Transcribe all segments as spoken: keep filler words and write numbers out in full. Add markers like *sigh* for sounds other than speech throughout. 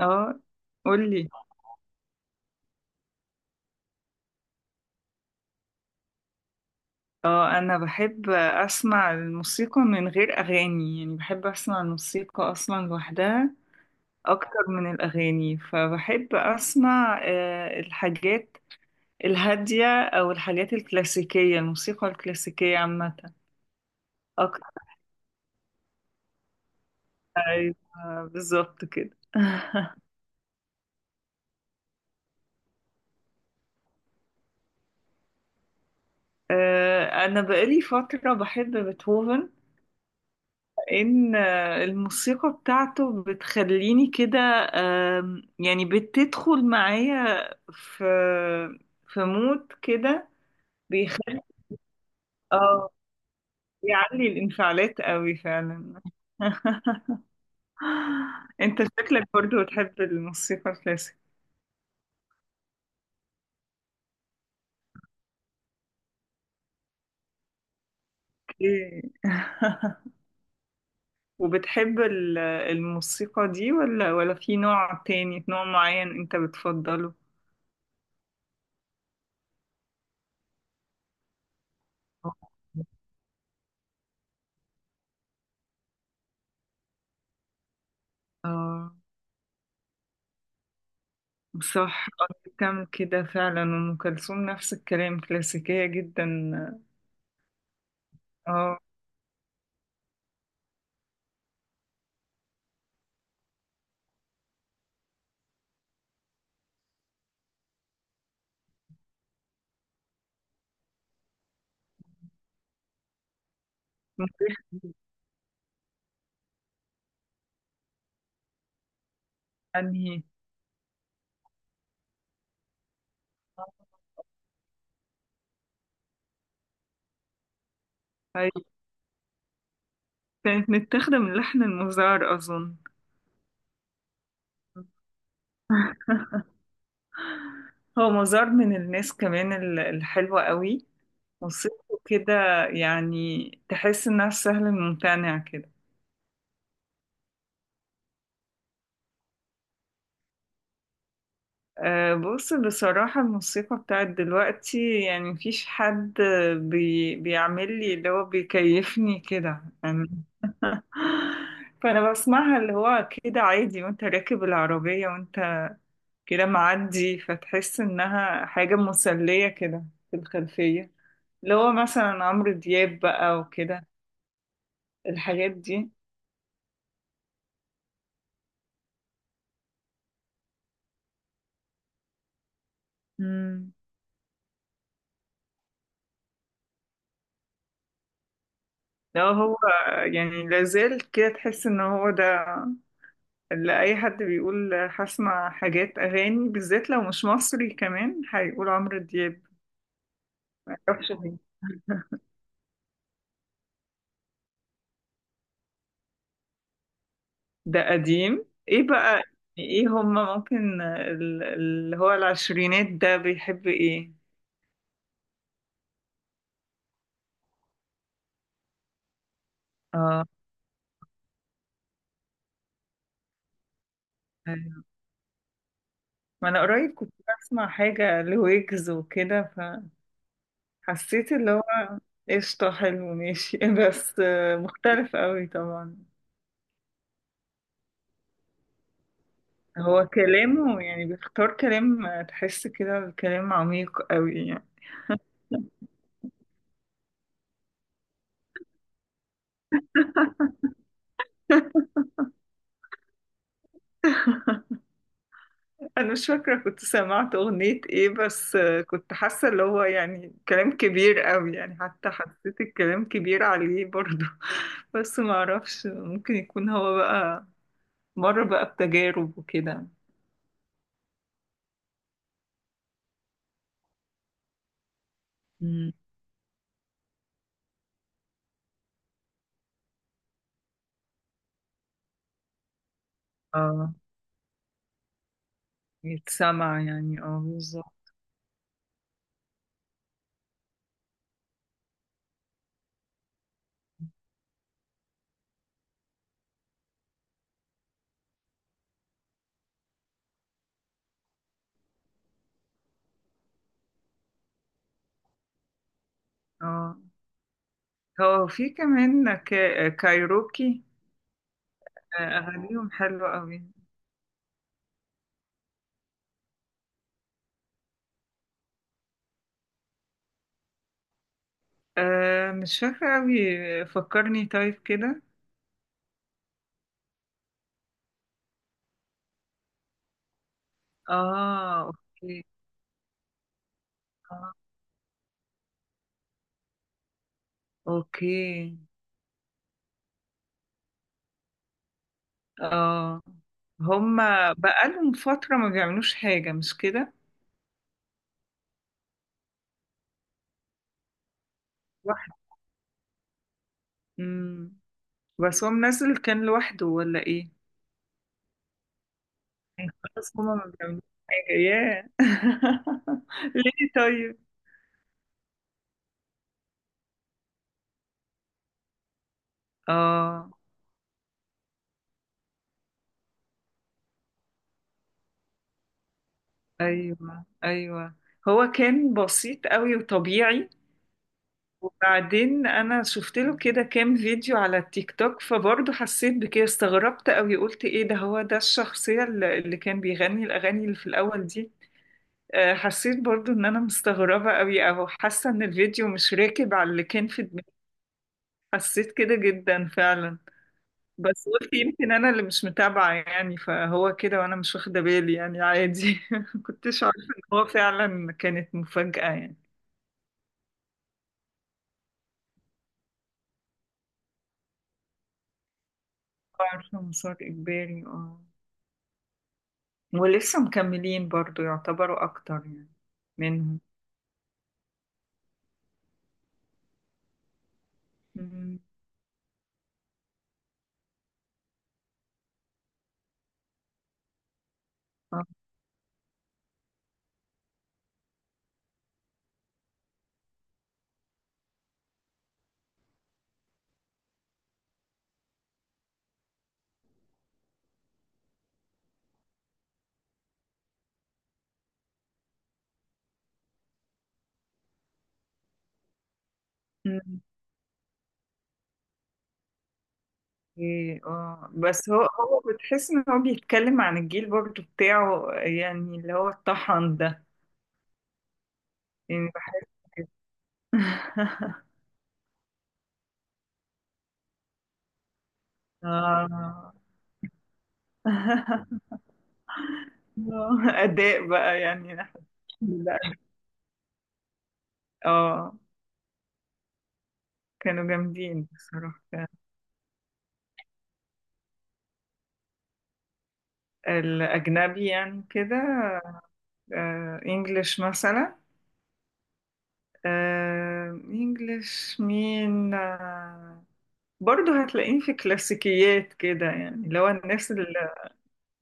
اه قولي. اه انا بحب اسمع الموسيقى من غير اغاني، يعني بحب اسمع الموسيقى اصلا لوحدها اكتر من الاغاني. فبحب اسمع آه، الحاجات الهادية او الحاجات الكلاسيكية، الموسيقى الكلاسيكية عامة اكتر. أيوة، بالظبط كده. *laughs* آه، انا بقالي فترة بحب بيتهوفن. ان آه، الموسيقى بتاعته بتخليني كده، آم، يعني بتدخل معايا في في مود كده. بيخلي اه بيعلي الانفعالات قوي فعلا. *laughs* انت شكلك برضو بتحب الموسيقى الكلاسيك. إيه. *laughs* وبتحب ال- الموسيقى دي، ولا ولا في نوع تاني، نوع معين انت بتفضله؟ اه صح. آه، كم كده فعلا، أم كلثوم نفس الكلام، كلاسيكية جدا. اه، أنهي؟ هي كانت متاخدة من لحن المزار أظن. هو مزار من الناس كمان ال- الحلوة قوي، موسيقته كده، يعني تحس إنها سهل الممتنع كده. أه، بص بصراحة الموسيقى بتاعت دلوقتي يعني مفيش حد بي بيعمل لي اللي هو بيكيفني كده. فانا بسمعها اللي هو كده عادي، وانت راكب العربية وانت كده معدي، فتحس انها حاجة مسلية كده في الخلفية. اللي هو مثلا عمرو دياب بقى وكده، الحاجات دي. امم. لو هو، يعني لازال كده تحس ان هو ده، اللي اي حد بيقول هسمع حاجات اغاني بالذات لو مش مصري كمان هيقول عمرو دياب. معرفش ليه. ده قديم، ايه بقى. يعني ايه هما ممكن، ال- اللي هو العشرينات ده بيحب ايه؟ اه، أيوة. ما انا قريب كنت بسمع حاجة لويجز وكده، فحسيت اللي هو قشطة حلو ماشي. *laughs* بس آه، مختلف قوي طبعا. هو كلامه يعني بيختار كلام، آه، تحس كده الكلام عميق قوي يعني. انا مش فاكره كنت سمعت اغنيه ايه، بس آه، كنت حاسه اللي هو يعني كلام كبير قوي يعني، حتى حسيت الكلام كبير عليه برضه. *laughs* بس ما اعرفش، ممكن يكون هو بقى مر بقى بتجارب وكده. مم. اه، يتسمع يعني، اه بالظبط. اه، هو في كمان كا- كايروكي. آه، اغانيهم حلوه قوي. آه مش فاكره قوي، فكرني طيب كده. اه، اوكي. اه، اوكي. اه، هما بقالهم فترة ما بيعملوش حاجة، مش كده؟ واحد. مم. بس هو منزل كان لوحده ولا ايه؟ يعني خلاص هما ما بيعملوش حاجة، ياه. *laughs* ليه طيب؟ اه، ايوه ايوه. هو كان بسيط قوي وطبيعي. وبعدين انا شفت له كده كام فيديو على التيك توك، فبرضه حسيت بكده، استغربت قوي، قلت ايه ده، هو ده الشخصية اللي اللي كان بيغني الاغاني اللي في الاول دي؟ آه، حسيت برضو ان انا مستغربة قوي، او حاسة ان الفيديو مش راكب على اللي كان في دماغي. حسيت كده جدا فعلا. بس قلت يمكن انا اللي مش متابعة يعني، فهو كده وانا مش واخدة بالي يعني، عادي. *laughs* كنتش عارفة ان هو فعلا، كانت مفاجأة يعني. عارفة مسار اجباري، اه. ولسه مكملين برضو، يعتبروا اكتر يعني منهم. مم. آه. إيه، اه بس هو هو بتحس ان هو بيتكلم عن الجيل برضه بتاعه، يعني اللي هو الطحن ده، يعني بحس كده. *laughs* اه. *laughs* آه، اداء بقى يعني. *laughs* نحن. لا، اه كانوا جامدين بصراحة. الأجنبي يعني كده. آه، انجلش مثلا. آه، انجلش مين، آه، برضو هتلاقيه في كلاسيكيات كده، يعني لو الناس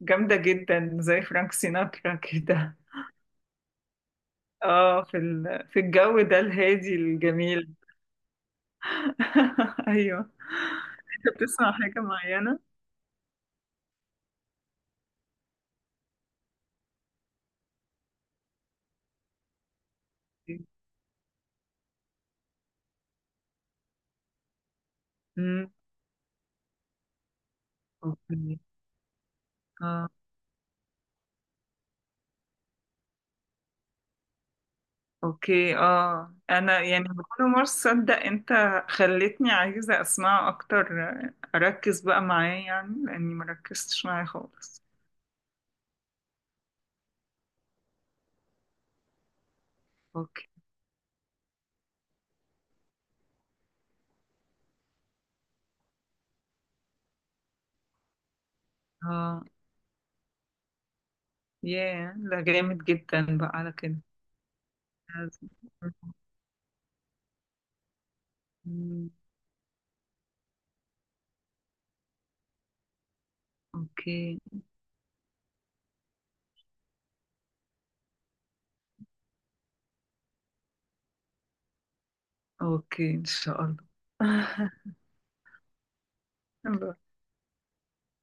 جامدة جدا زي فرانك سيناترا كده. اه، في ال... في الجو ده الهادي الجميل. *laughs* ايوه. انت بتسمع حاجة معينة؟ امم. اوكي. اه، اوكي. اه، انا يعني بكل مرة صدق انت خلتني عايزة اسمعه اكتر، اركز بقى معاه يعني، لاني مركزتش معاه خالص. اوكي. اه، ياه، ده جامد جدا بقى على كده. مم. اوكي. اوكي، ان شاء الله. *laughs* الله.